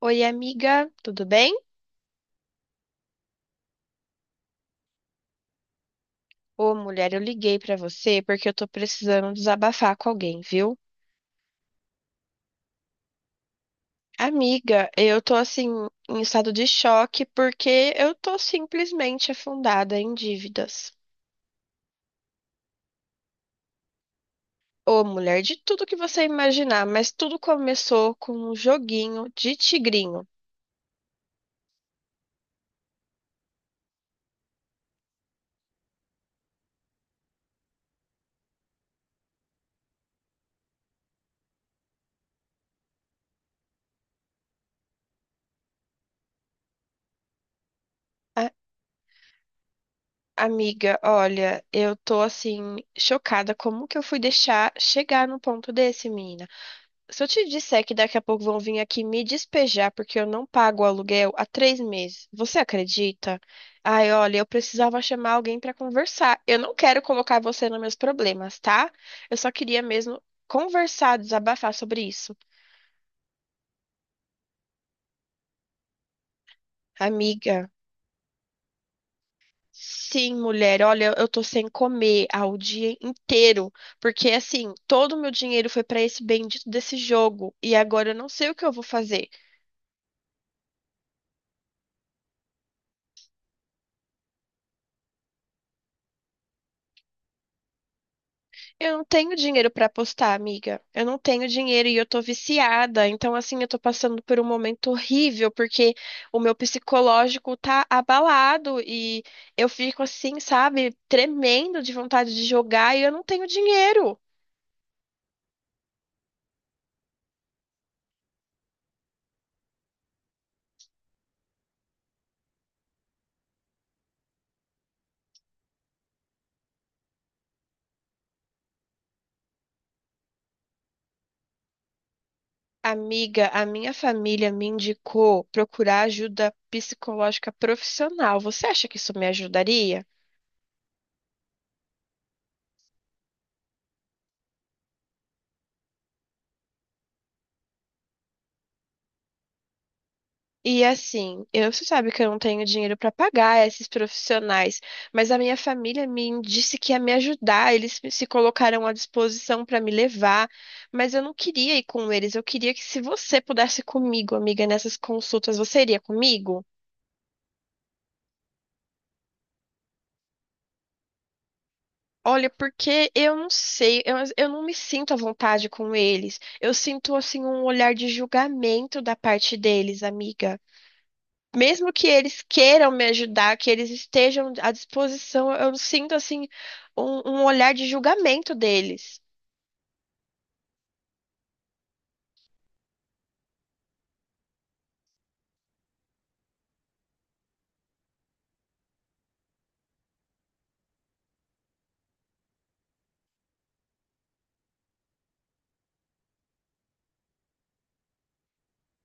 Oi, amiga, tudo bem? Ô, mulher, eu liguei pra você porque eu tô precisando desabafar com alguém, viu? Amiga, eu tô assim em estado de choque porque eu tô simplesmente afundada em dívidas. Ô, mulher, de tudo que você imaginar, mas tudo começou com um joguinho de tigrinho. A- Amiga, olha, eu tô assim chocada como que eu fui deixar chegar no ponto desse, menina? Se eu te disser que daqui a pouco vão vir aqui me despejar porque eu não pago o aluguel há 3 meses, você acredita? Ai, olha, eu precisava chamar alguém para conversar. Eu não quero colocar você nos meus problemas, tá? Eu só queria mesmo conversar, desabafar sobre isso. Amiga, sim, mulher, olha, eu tô sem comer há o dia inteiro, porque assim, todo o meu dinheiro foi para esse bendito desse jogo e agora eu não sei o que eu vou fazer. Eu não tenho dinheiro pra apostar, amiga. Eu não tenho dinheiro e eu tô viciada. Então, assim, eu tô passando por um momento horrível porque o meu psicológico tá abalado e eu fico assim, sabe, tremendo de vontade de jogar e eu não tenho dinheiro. Amiga, a minha família me indicou procurar ajuda psicológica profissional. Você acha que isso me ajudaria? E assim, você sabe que eu não tenho dinheiro para pagar esses profissionais, mas a minha família me disse que ia me ajudar, eles se colocaram à disposição para me levar, mas eu não queria ir com eles, eu queria que se você pudesse ir comigo, amiga, nessas consultas, você iria comigo? Olha, porque eu não sei, eu não me sinto à vontade com eles. Eu sinto assim um olhar de julgamento da parte deles, amiga. Mesmo que eles queiram me ajudar, que eles estejam à disposição, eu sinto assim um olhar de julgamento deles.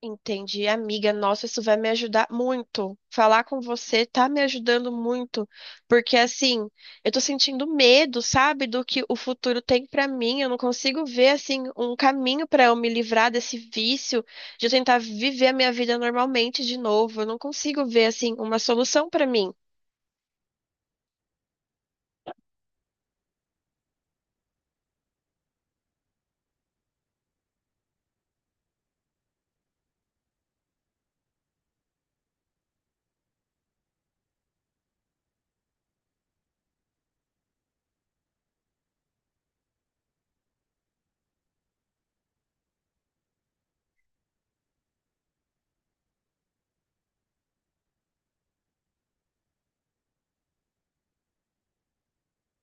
Entendi, amiga. Nossa, isso vai me ajudar muito. Falar com você tá me ajudando muito, porque assim, eu tô sentindo medo, sabe, do que o futuro tem pra mim. Eu não consigo ver assim um caminho pra eu me livrar desse vício de eu tentar viver a minha vida normalmente de novo. Eu não consigo ver assim uma solução pra mim.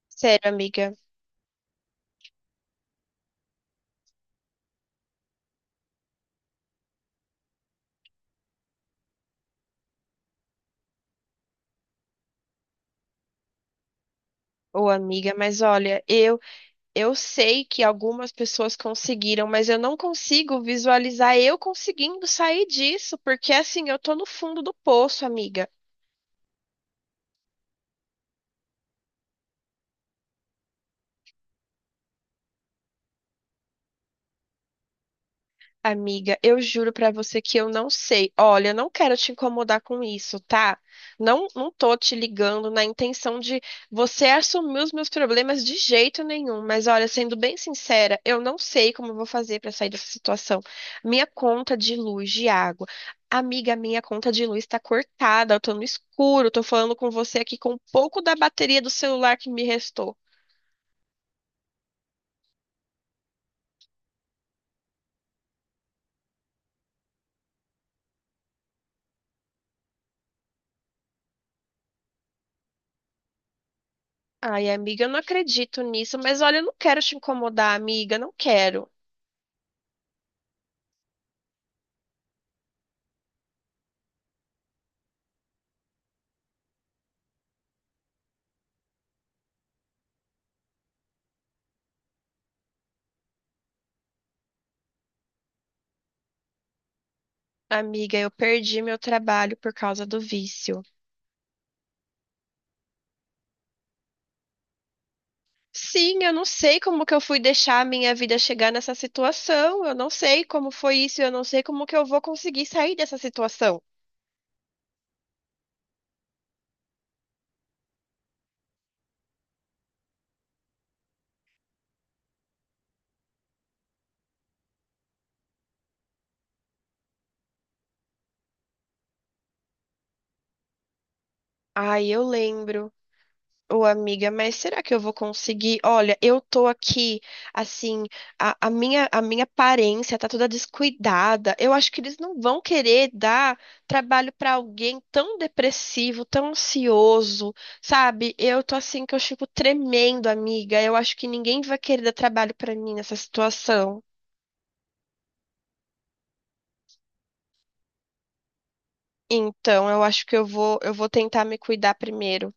Sério, amiga. Ô, amiga, mas olha, eu sei que algumas pessoas conseguiram, mas eu não consigo visualizar eu conseguindo sair disso, porque assim, eu tô no fundo do poço, amiga. Amiga, eu juro pra você que eu não sei. Olha, eu não quero te incomodar com isso, tá? Não, tô te ligando na intenção de você assumir os meus problemas de jeito nenhum, mas olha, sendo bem sincera, eu não sei como eu vou fazer pra sair dessa situação. Minha conta de luz, de água. Amiga, minha conta de luz tá cortada, eu tô no escuro, tô falando com você aqui com um pouco da bateria do celular que me restou. Ai, amiga, eu não acredito nisso, mas olha, eu não quero te incomodar, amiga, não quero. Amiga, eu perdi meu trabalho por causa do vício. Sim, eu não sei como que eu fui deixar a minha vida chegar nessa situação. Eu não sei como foi isso, eu não sei como que eu vou conseguir sair dessa situação. Ai, eu lembro. Ô, amiga, mas será que eu vou conseguir? Olha, eu tô aqui, assim, a minha aparência tá toda descuidada. Eu acho que eles não vão querer dar trabalho pra alguém tão depressivo, tão ansioso, sabe? Eu tô assim que eu fico tremendo, amiga. Eu acho que ninguém vai querer dar trabalho pra mim nessa situação. Então, eu acho que eu vou tentar me cuidar primeiro.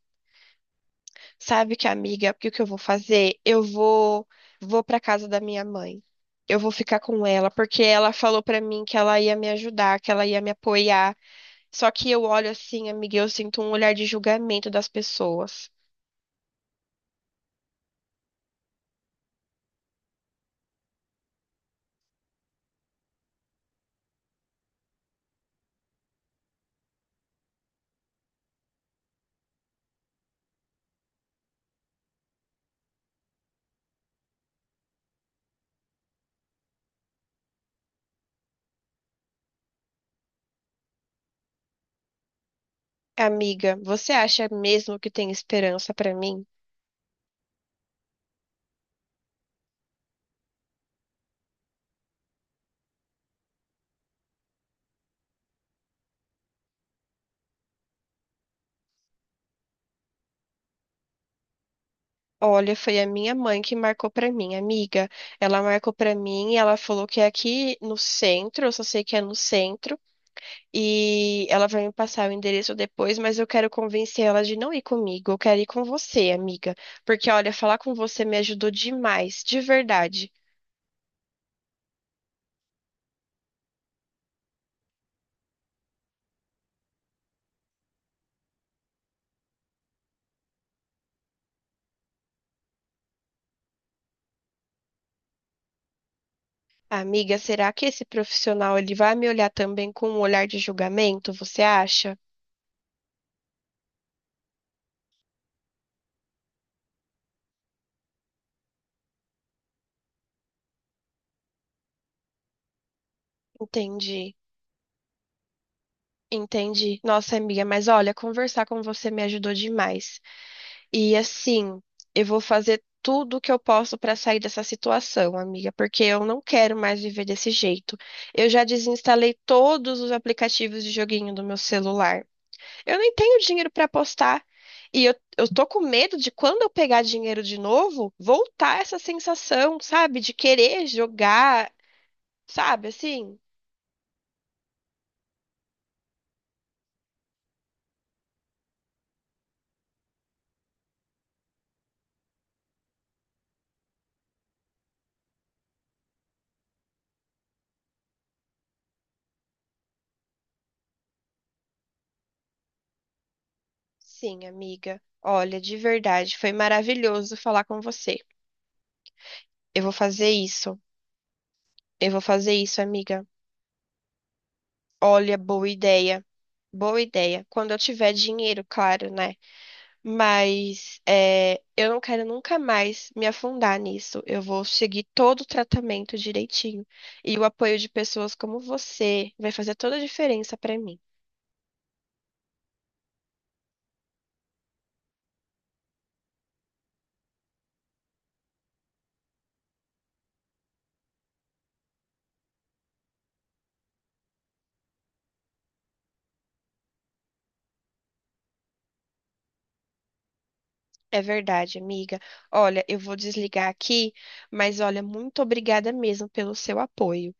Sabe que amiga, porque o que eu vou fazer? Eu vou Vou para casa da minha mãe. Eu vou ficar com ela porque ela falou pra mim que ela ia me ajudar, que ela ia me apoiar. Só que eu olho assim, amiga, e eu sinto um olhar de julgamento das pessoas. Amiga, você acha mesmo que tem esperança pra mim? Olha, foi a minha mãe que marcou pra mim, amiga. Ela marcou pra mim e ela falou que é aqui no centro, eu só sei que é no centro. E ela vai me passar o endereço depois, mas eu quero convencer ela de não ir comigo. Eu quero ir com você, amiga. Porque, olha, falar com você me ajudou demais, de verdade. Amiga, será que esse profissional ele vai me olhar também com um olhar de julgamento, você acha? Entendi. Entendi. Nossa, amiga, mas olha, conversar com você me ajudou demais. E assim, eu vou fazer tudo o que eu posso para sair dessa situação, amiga, porque eu não quero mais viver desse jeito. Eu já desinstalei todos os aplicativos de joguinho do meu celular. Eu nem tenho dinheiro para apostar. E eu tô com medo de quando eu pegar dinheiro de novo, voltar essa sensação, sabe? De querer jogar, sabe? Assim, sim, amiga. Olha, de verdade, foi maravilhoso falar com você. Eu vou fazer isso. Eu vou fazer isso, amiga. Olha, boa ideia. Boa ideia. Quando eu tiver dinheiro, claro, né? Mas é, eu não quero nunca mais me afundar nisso. Eu vou seguir todo o tratamento direitinho. E o apoio de pessoas como você vai fazer toda a diferença pra mim. É verdade, amiga. Olha, eu vou desligar aqui, mas olha, muito obrigada mesmo pelo seu apoio,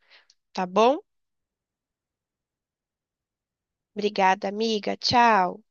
tá bom? Obrigada, amiga. Tchau.